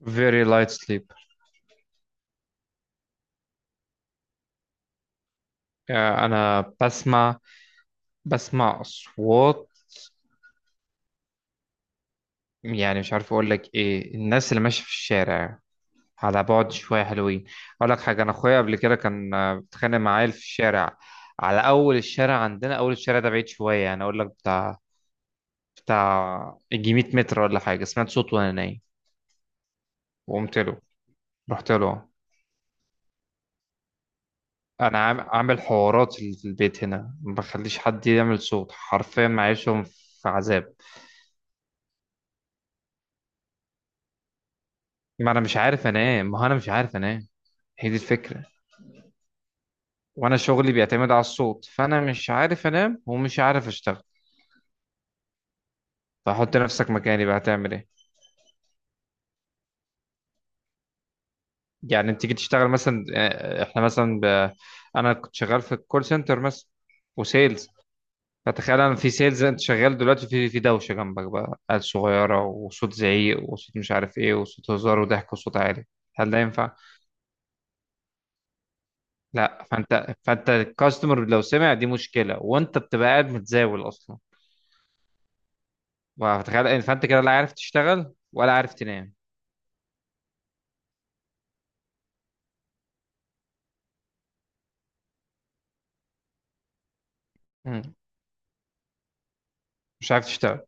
very light sleep. آه، انا بسمع. بسمع اصوات، يعني مش عارف اقول لك ايه الناس اللي ماشيه في الشارع على بعد شويه حلوين. اقول لك حاجه، انا اخويا قبل كده كان بيتخانق مع عيل في الشارع، على اول الشارع عندنا، اول الشارع ده بعيد شويه، يعني اقول لك بتاع يجي 100 متر ولا حاجه. سمعت صوت وانا نايم وقمت له، رحت له. انا عامل حوارات في البيت، هنا ما بخليش حد يعمل صوت، حرفيا معيشهم في عذاب. ما انا مش عارف انام، ما هو انا مش عارف انام، هي دي الفكره. وانا شغلي بيعتمد على الصوت، فانا مش عارف انام ومش عارف اشتغل، فحط نفسك مكاني بقى هتعمل ايه؟ يعني انت تيجي تشتغل مثلا، احنا مثلا انا كنت شغال في الكول سنتر مثلا، وسيلز. فتخيل انا في سيلز، انت شغال دلوقتي في دوشه جنبك بقى، عيال صغيره وصوت زعيق وصوت مش عارف ايه وصوت هزار وضحك وصوت عالي، هل ده ينفع؟ لا، فانت الكاستمر لو سمع، دي مشكله، وانت بتبقى قاعد متزاول اصلا. فتخيل، فانت كده لا عارف تشتغل ولا عارف تنام. مم. مش عارف تشتغل.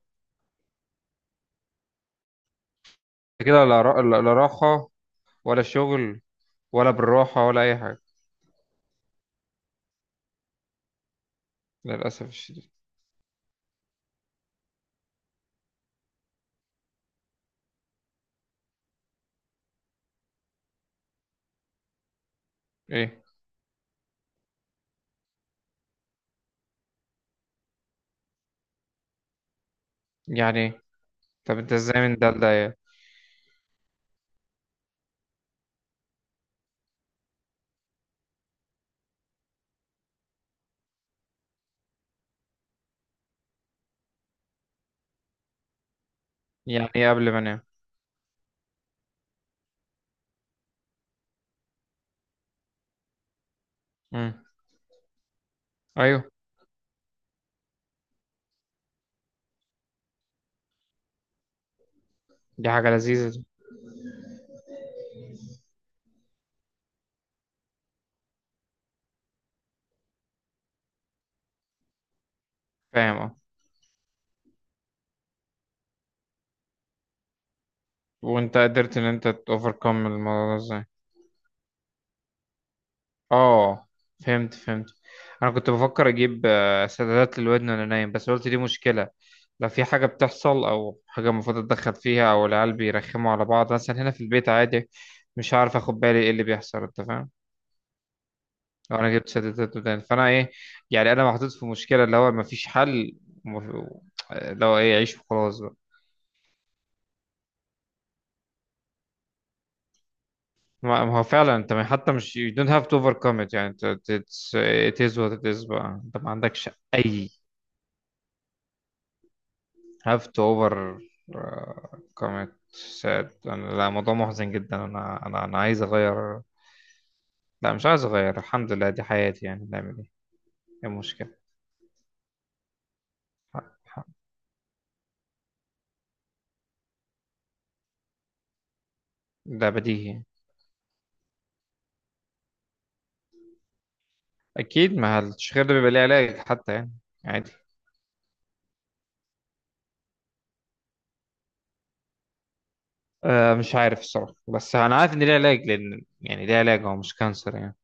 انت كده لا راحة ولا شغل ولا بالراحة ولا أي حاجة، للأسف الشديد. إيه؟ يعني إيه؟ طب أنت إزاي من ده لده يعني؟ يعني إيه قبل ما أنام؟ مم. أيوه. دي حاجة لذيذة دي. فاهم أه. وأنت قدرت إن أنت تأوفركم الموضوع ده إزاي؟ اه، فهمت فهمت. انا كنت بفكر اجيب سدادات للودن وانا نايم، بس قلت دي مشكله، لو في حاجه بتحصل او حاجه المفروض اتدخل فيها، او العيال بيرخموا على بعض مثلا هنا في البيت عادي، مش هعرف اخد بالي ايه اللي بيحصل، انت فاهم؟ لو انا جبت سدادات ودان فانا ايه؟ يعني انا محطوط في مشكله اللي هو مفيش حل، ومف- لو ايه عيش وخلاص بقى. ما هو فعلا انت، حتى مش you don't have to overcome it، يعني it's- it is what it is بقى، انت ما عندكش اي. have to over commit sad. أنا لا، موضوع محزن جدا، أنا عايز أغير، لا مش عايز أغير، الحمد لله دي حياتي، يعني نعمل إيه؟ إيه المشكلة؟ الح- ده بديهي. أكيد، ما التشغيل ده بيبقى ليه علاج حتى يعني، عادي. أه، مش عارف الصراحة، بس أنا عارف إن ليه علاج، لأن يعني ليه علاج، هو مش كانسر يعني.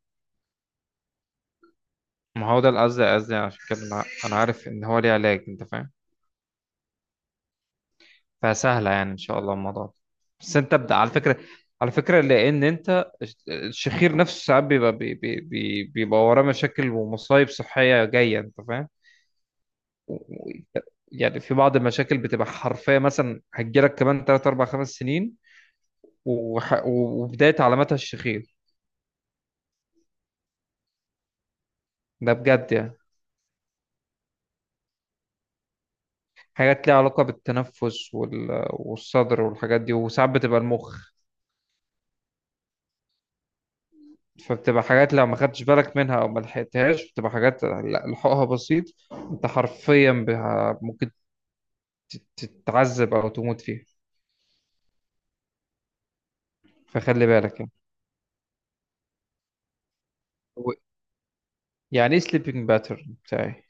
ما هو ده القصد، قصدي عشان كده أنا عارف إن هو ليه علاج، أنت فاهم؟ فسهلة يعني إن شاء الله الموضوع ده. بس أنت ابدأ على فكرة، على فكرة، لأن أنت الشخير نفسه ساعات بيبقى، بيبقى وراه مشاكل ومصايب صحية جاية، أنت فاهم؟ و- و- يعني في بعض المشاكل بتبقى حرفية، مثلا هتجيلك كمان 3 4 5 سنين، وبداية علاماتها الشخير، ده بجد يعني. حاجات ليها علاقة بالتنفس والصدر والحاجات دي، وساعات بتبقى المخ، فبتبقى حاجات لو ما خدتش بالك منها او ما لحقتهاش بتبقى حاجات لحقها بسيط، انت حرفيا بها ممكن تتعذب او تموت فيها، فخلي بالك يعني. و- يعني ايه سليبنج باترن بتاعي؟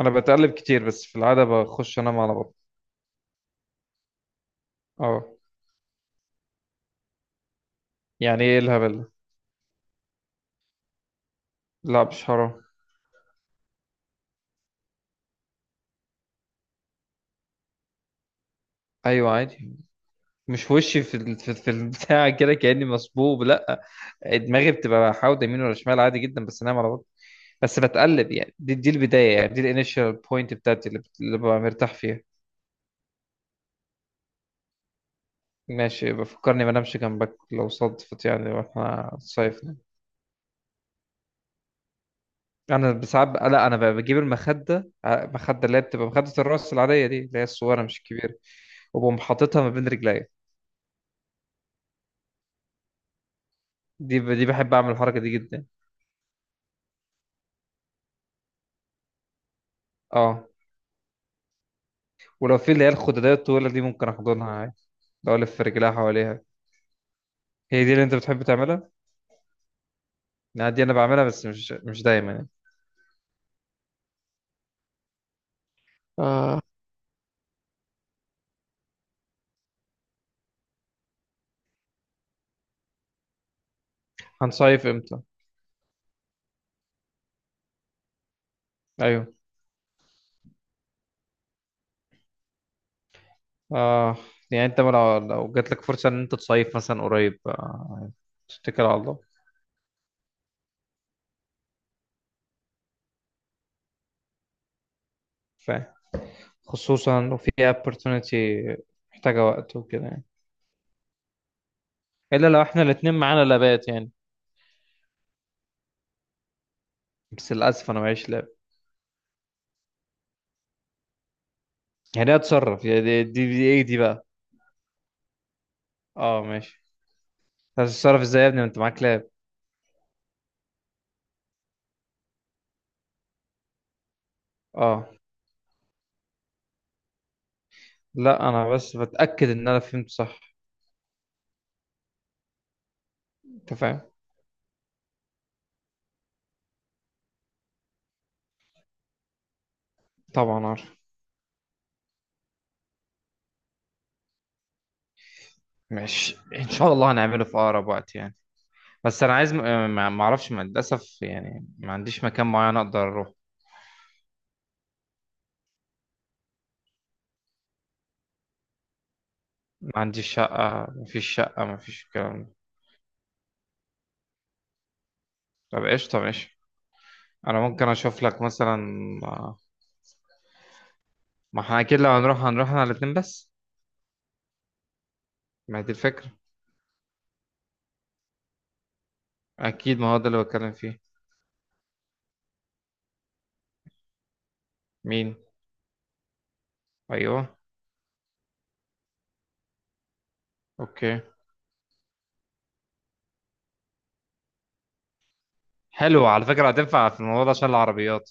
انا بتقلب كتير، بس في العاده بخش انام على بطني. اه. يعني ايه الهبل ده؟ لا مش حرام. ايوه عادي، مش وشي في في البتاع كده كاني مصبوب، لا دماغي بتبقى حاوده يمين ولا شمال، عادي جدا، بس انام على بطني، بس بتقلب. يعني دي البدايه، يعني دي الانيشال بوينت بتاعتي، اللي ببقى مرتاح فيها. ماشي، بفكرني ما انامش جنبك لو صدفت يعني واحنا صيفنا. انا ساعات لا، انا بجيب مخده، اللي هي بتبقى مخده الراس العاديه دي، اللي هي الصغيره مش الكبيره، وبقوم حاططها ما بين رجليا. دي بحب اعمل الحركه دي جدا. اه، ولو في اللي هي الخداديه الطويله دي ممكن احضنها عادي، لو الف رجليها حواليها. هي دي اللي انت بتحب تعملها. لا، دي انا بعملها، بس مش دايما يعني. آه، هنصيف امتى؟ ايوه. اه، يعني انت لو جات لك فرصه ان انت تصيف مثلا قريب، تتكل على الله. فاهم، خصوصا لو في opportunity محتاجة وقت وكده يعني، إلا لو إحنا الاتنين معانا لابات يعني، بس للأسف أنا معيش لاب. يعني إيه أتصرف؟ يعني دي إيه دي بقى؟ أه ماشي. هتتصرف إزاي يا ابني، ما أنت معاك لاب. أه. لا، أنا بس بتأكد إن أنا فهمت صح، أنت فاهم. طبعا عارف. ماشي إن شاء الله هنعمله في أقرب وقت يعني، بس أنا عايز ما أعرفش، للأسف يعني ما عنديش مكان معين أقدر أروح. ما عنديش شقة، ما فيش شقة، ما فيش الكلام ده. طب قشطة ماشي، انا ممكن اشوف لك مثلا، ما احنا اكيد لو هنروح هنروح احنا الاتنين بس، ما هي دي الفكرة، اكيد ما هو ده اللي بتكلم فيه. مين؟ ايوه. اوكي. حلو على فكرة، هتنفع في الموضوع ده عشان العربيات.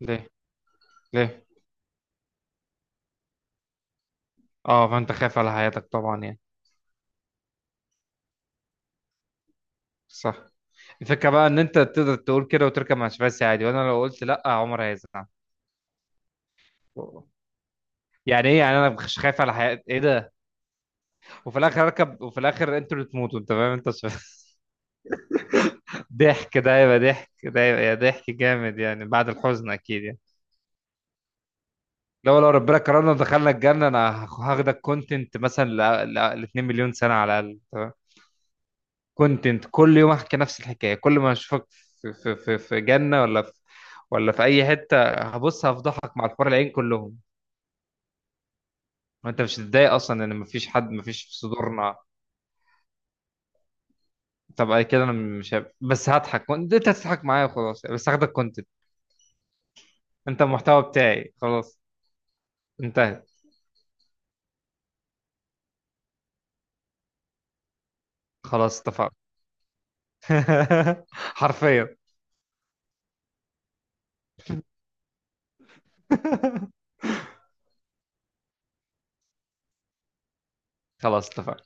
ليه؟ ليه؟ اه، فانت خايف على حياتك طبعا يعني، صح. الفكرة بقى ان انت تقدر تقول كده وتركب مع شباسي عادي، وانا لو قلت لا عمر هيزعل. يعني ايه، يعني انا مش خايف على حياتي، ايه ده؟ وفي الاخر اركب، وفي الاخر انتوا اللي تموتوا، انت فاهم، انت شباسي. ضحك ده هيبقى، ضحك ده هيبقى يا ضحك جامد يعني، بعد الحزن اكيد يعني. لو ربنا كرمنا ودخلنا الجنه، انا هاخدك كونتنت مثلا 2 مليون سنه على الاقل، تمام. كونتنت كل يوم احكي نفس الحكايه، كل ما اشوفك في جنه ولا في، ولا في اي حته، هبص هفضحك مع الحور العين كلهم. وانت مش هتتضايق اصلا، ان مفيش حد، مفيش في صدورنا. طب أي كده، انا مش هب... بس هضحك وانت هتضحك معايا وخلاص، بس هاخدك كونتنت، انت المحتوى بتاعي، خلاص انتهت. خلاص اتفقنا. حرفيا. خلاص اتفقنا.